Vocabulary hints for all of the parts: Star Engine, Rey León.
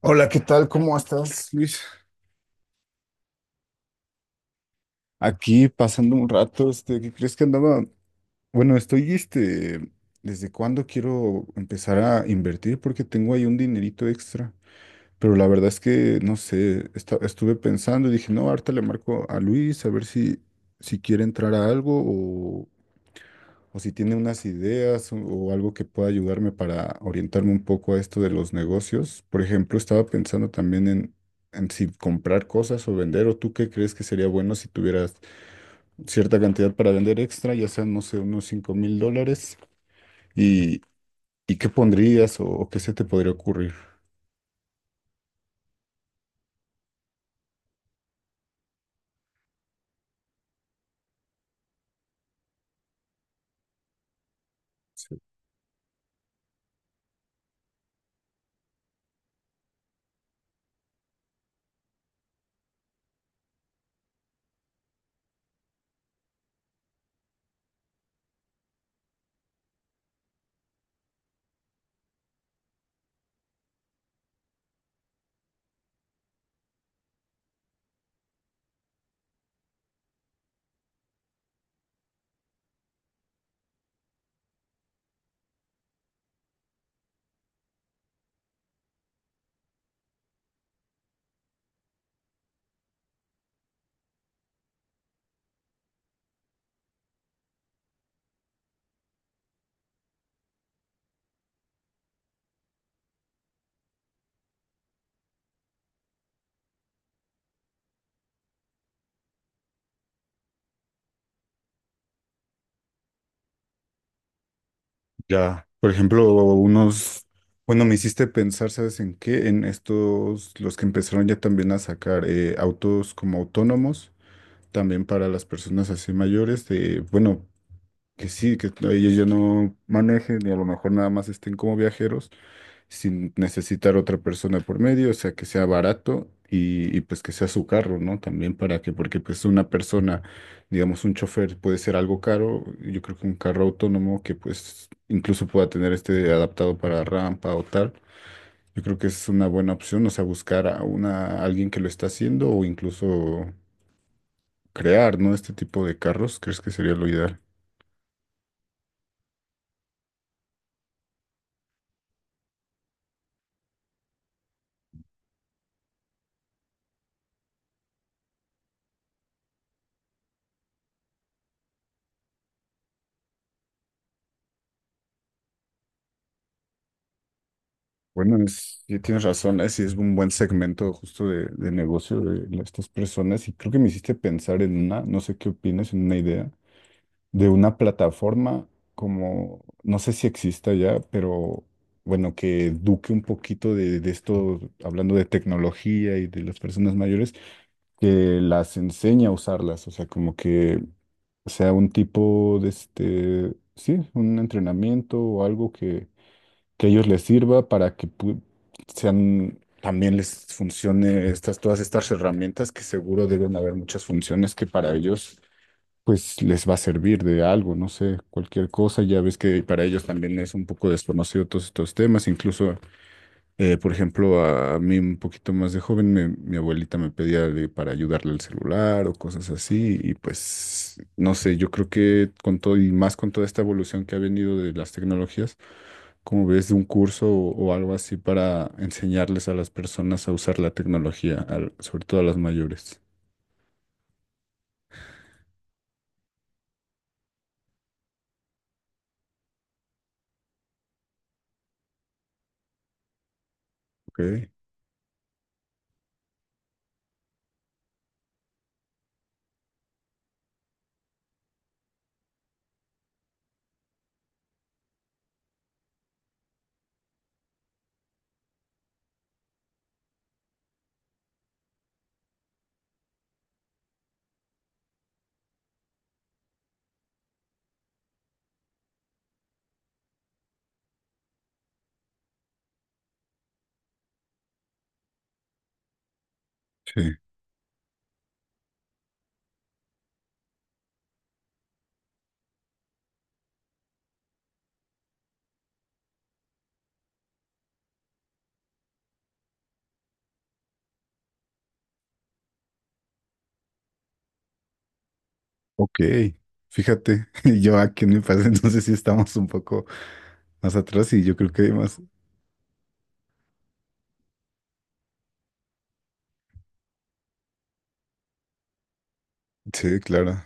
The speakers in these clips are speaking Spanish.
Hola, ¿qué tal? ¿Cómo estás, Luis? Aquí pasando un rato, este, ¿qué crees que andaba? Bueno, estoy, este, ¿desde cuándo quiero empezar a invertir? Porque tengo ahí un dinerito extra, pero la verdad es que, no sé, estuve pensando y dije, no, ahorita le marco a Luis a ver si quiere entrar a algo o si tiene unas ideas o algo que pueda ayudarme para orientarme un poco a esto de los negocios. Por ejemplo, estaba pensando también en si comprar cosas o vender, o tú qué crees que sería bueno si tuvieras cierta cantidad para vender extra, ya sean, no sé, unos $5,000, y, y qué pondrías o qué se te podría ocurrir. Sí. Ya, por ejemplo, unos... Bueno, me hiciste pensar, ¿sabes en qué? En estos, los que empezaron ya también a sacar autos como autónomos, también para las personas así mayores, de, bueno, que sí, que ellos ya no manejen y a lo mejor nada más estén como viajeros sin necesitar otra persona por medio, o sea, que sea barato y, pues que sea su carro, ¿no? También para que, porque pues una persona, digamos, un chofer puede ser algo caro, yo creo que un carro autónomo que pues incluso pueda tener este adaptado para rampa o tal. Yo creo que es una buena opción, o sea, buscar a una, a alguien que lo está haciendo o incluso crear, ¿no? Este tipo de carros, ¿crees que sería lo ideal? Bueno, es, sí tienes razón, es, sí es un buen segmento justo de, negocio de estas personas y creo que me hiciste pensar en una, no sé qué opinas, en una idea de una plataforma como, no sé si exista ya, pero bueno, que eduque un poquito de esto, hablando de tecnología y de las personas mayores, que las enseñe a usarlas, o sea, como que sea un tipo de este, sí, un entrenamiento o algo que a ellos les sirva para que sean, también les funcione estas, todas estas herramientas, que seguro deben haber muchas funciones que para ellos, pues les va a servir de algo, no sé, cualquier cosa. Ya ves que para ellos también es un poco desconocido todos estos temas, incluso por ejemplo, a mí un poquito más de joven, mi abuelita me pedía para ayudarle al celular o cosas así, y pues, no sé, yo creo que con todo y más con toda esta evolución que ha venido de las tecnologías, como ves, de un curso o algo así para enseñarles a las personas a usar la tecnología, sobre todo a las mayores. Ok, sí, ok. Fíjate, yo aquí en mi país entonces sí estamos un poco más atrás y yo creo que hay más. Sí, claro.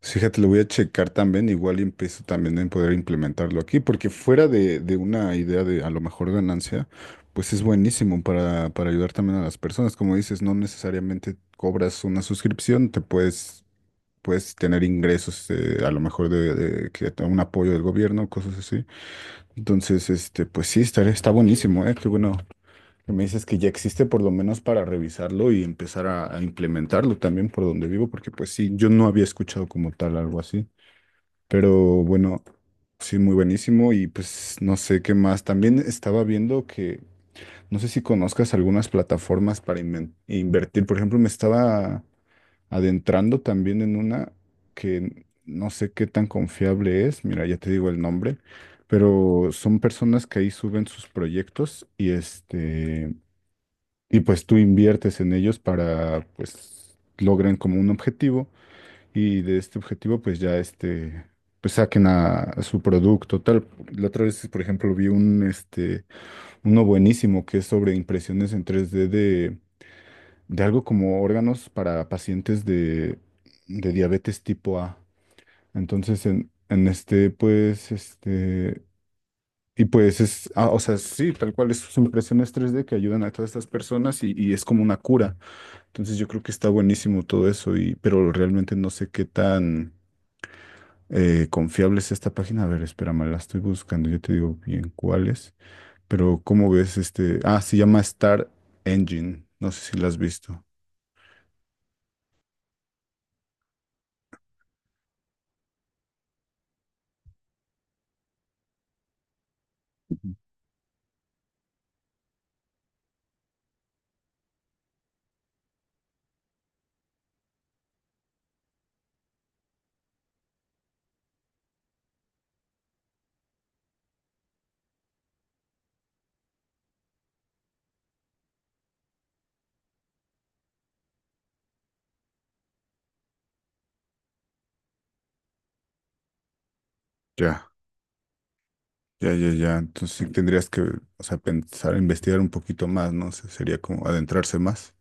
Fíjate, lo voy a checar también, igual y empiezo también en poder implementarlo aquí, porque fuera de, una idea de a lo mejor ganancia, pues es buenísimo para ayudar también a las personas. Como dices, no necesariamente cobras una suscripción, te puedes tener ingresos a lo mejor de que un apoyo del gobierno, cosas así. Entonces, este, pues sí, estaría, está buenísimo, ¿eh? Qué bueno. que Me dices que ya existe por lo menos para revisarlo y empezar a implementarlo también por donde vivo, porque pues sí, yo no había escuchado como tal algo así. Pero bueno, sí, muy buenísimo. Y pues no sé qué más. También estaba viendo que, no sé si conozcas algunas plataformas para invertir. Por ejemplo, me estaba adentrando también en una que no sé qué tan confiable es. Mira, ya te digo el nombre. Pero son personas que ahí suben sus proyectos y este, y pues tú inviertes en ellos para, pues, logren como un objetivo y de este objetivo pues ya este pues saquen a, su producto tal. La otra vez, por ejemplo, vi un este uno buenísimo que es sobre impresiones en 3D de, algo como órganos para pacientes de, diabetes tipo A. Entonces en este pues este y pues es ah, o sea, sí, tal cual es sus impresiones 3D que ayudan a todas estas personas y es como una cura. Entonces yo creo que está buenísimo todo eso y pero realmente no sé qué tan confiable es esta página. A ver, espérame, la estoy buscando. Yo te digo bien cuál es. Pero, ¿cómo ves este? Ah, se llama Star Engine. No sé si la has visto. Ya, ya, ya, ya. Entonces sí tendrías que, o sea, pensar, investigar un poquito más, ¿no? Sería como adentrarse más.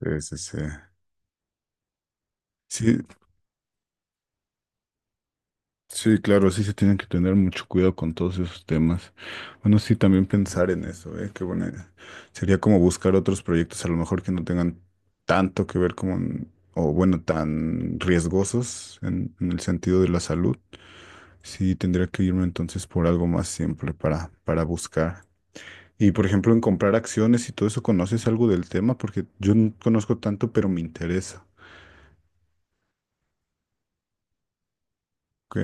Sí, sí, sí. Sí, sí, claro, sí se tienen que tener mucho cuidado con todos esos temas. Bueno, sí, también pensar en eso, ¿eh? Que bueno, sería como buscar otros proyectos a lo mejor que no tengan tanto que ver con, o bueno, tan riesgosos en, el sentido de la salud. Sí, tendría que irme entonces por algo más simple para buscar. Y por ejemplo, en comprar acciones y todo eso, ¿conoces algo del tema? Porque yo no conozco tanto, pero me interesa. ¿Ok?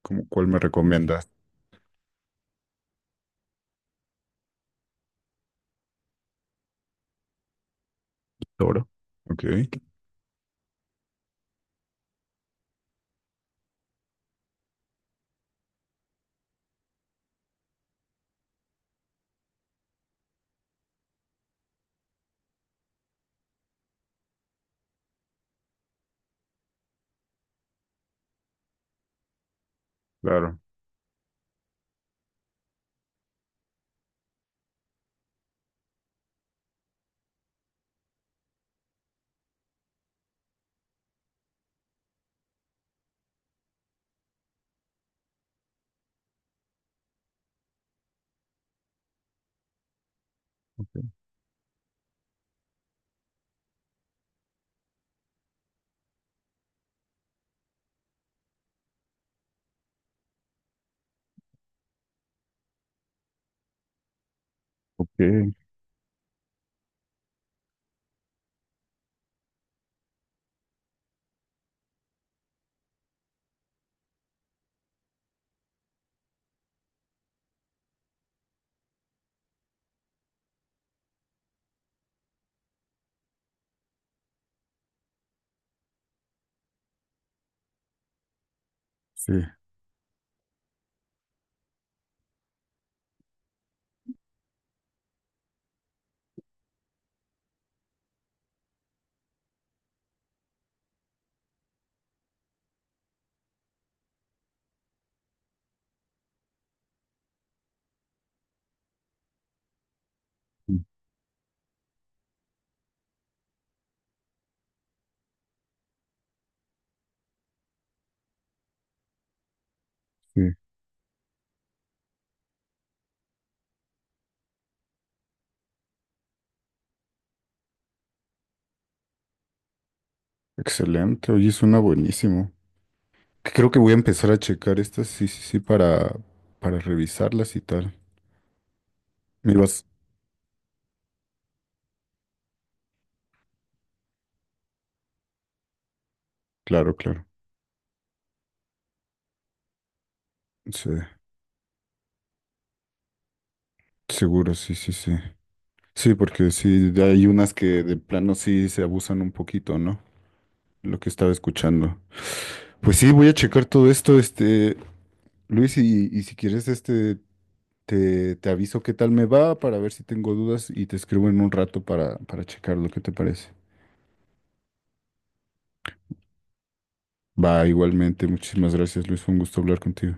¿Cómo cuál me recomiendas? Toro. Ok, claro. Ok. Ok. Sí, sí. Sí. Excelente. Oye, suena buenísimo. Creo que voy a empezar a checar estas, sí, sí, sí, para, revisarlas y tal. Me vas. Claro, claro. Sí, seguro, sí, sí, sí. Sí, porque sí, hay unas que de plano sí se abusan un poquito, ¿no? Lo que estaba escuchando. Pues sí, voy a checar todo esto, este, Luis, y, si quieres, este, te aviso qué tal me va para ver si tengo dudas y te escribo en un rato para, checar lo que te parece. Va, igualmente, muchísimas gracias, Luis. Fue un gusto hablar contigo.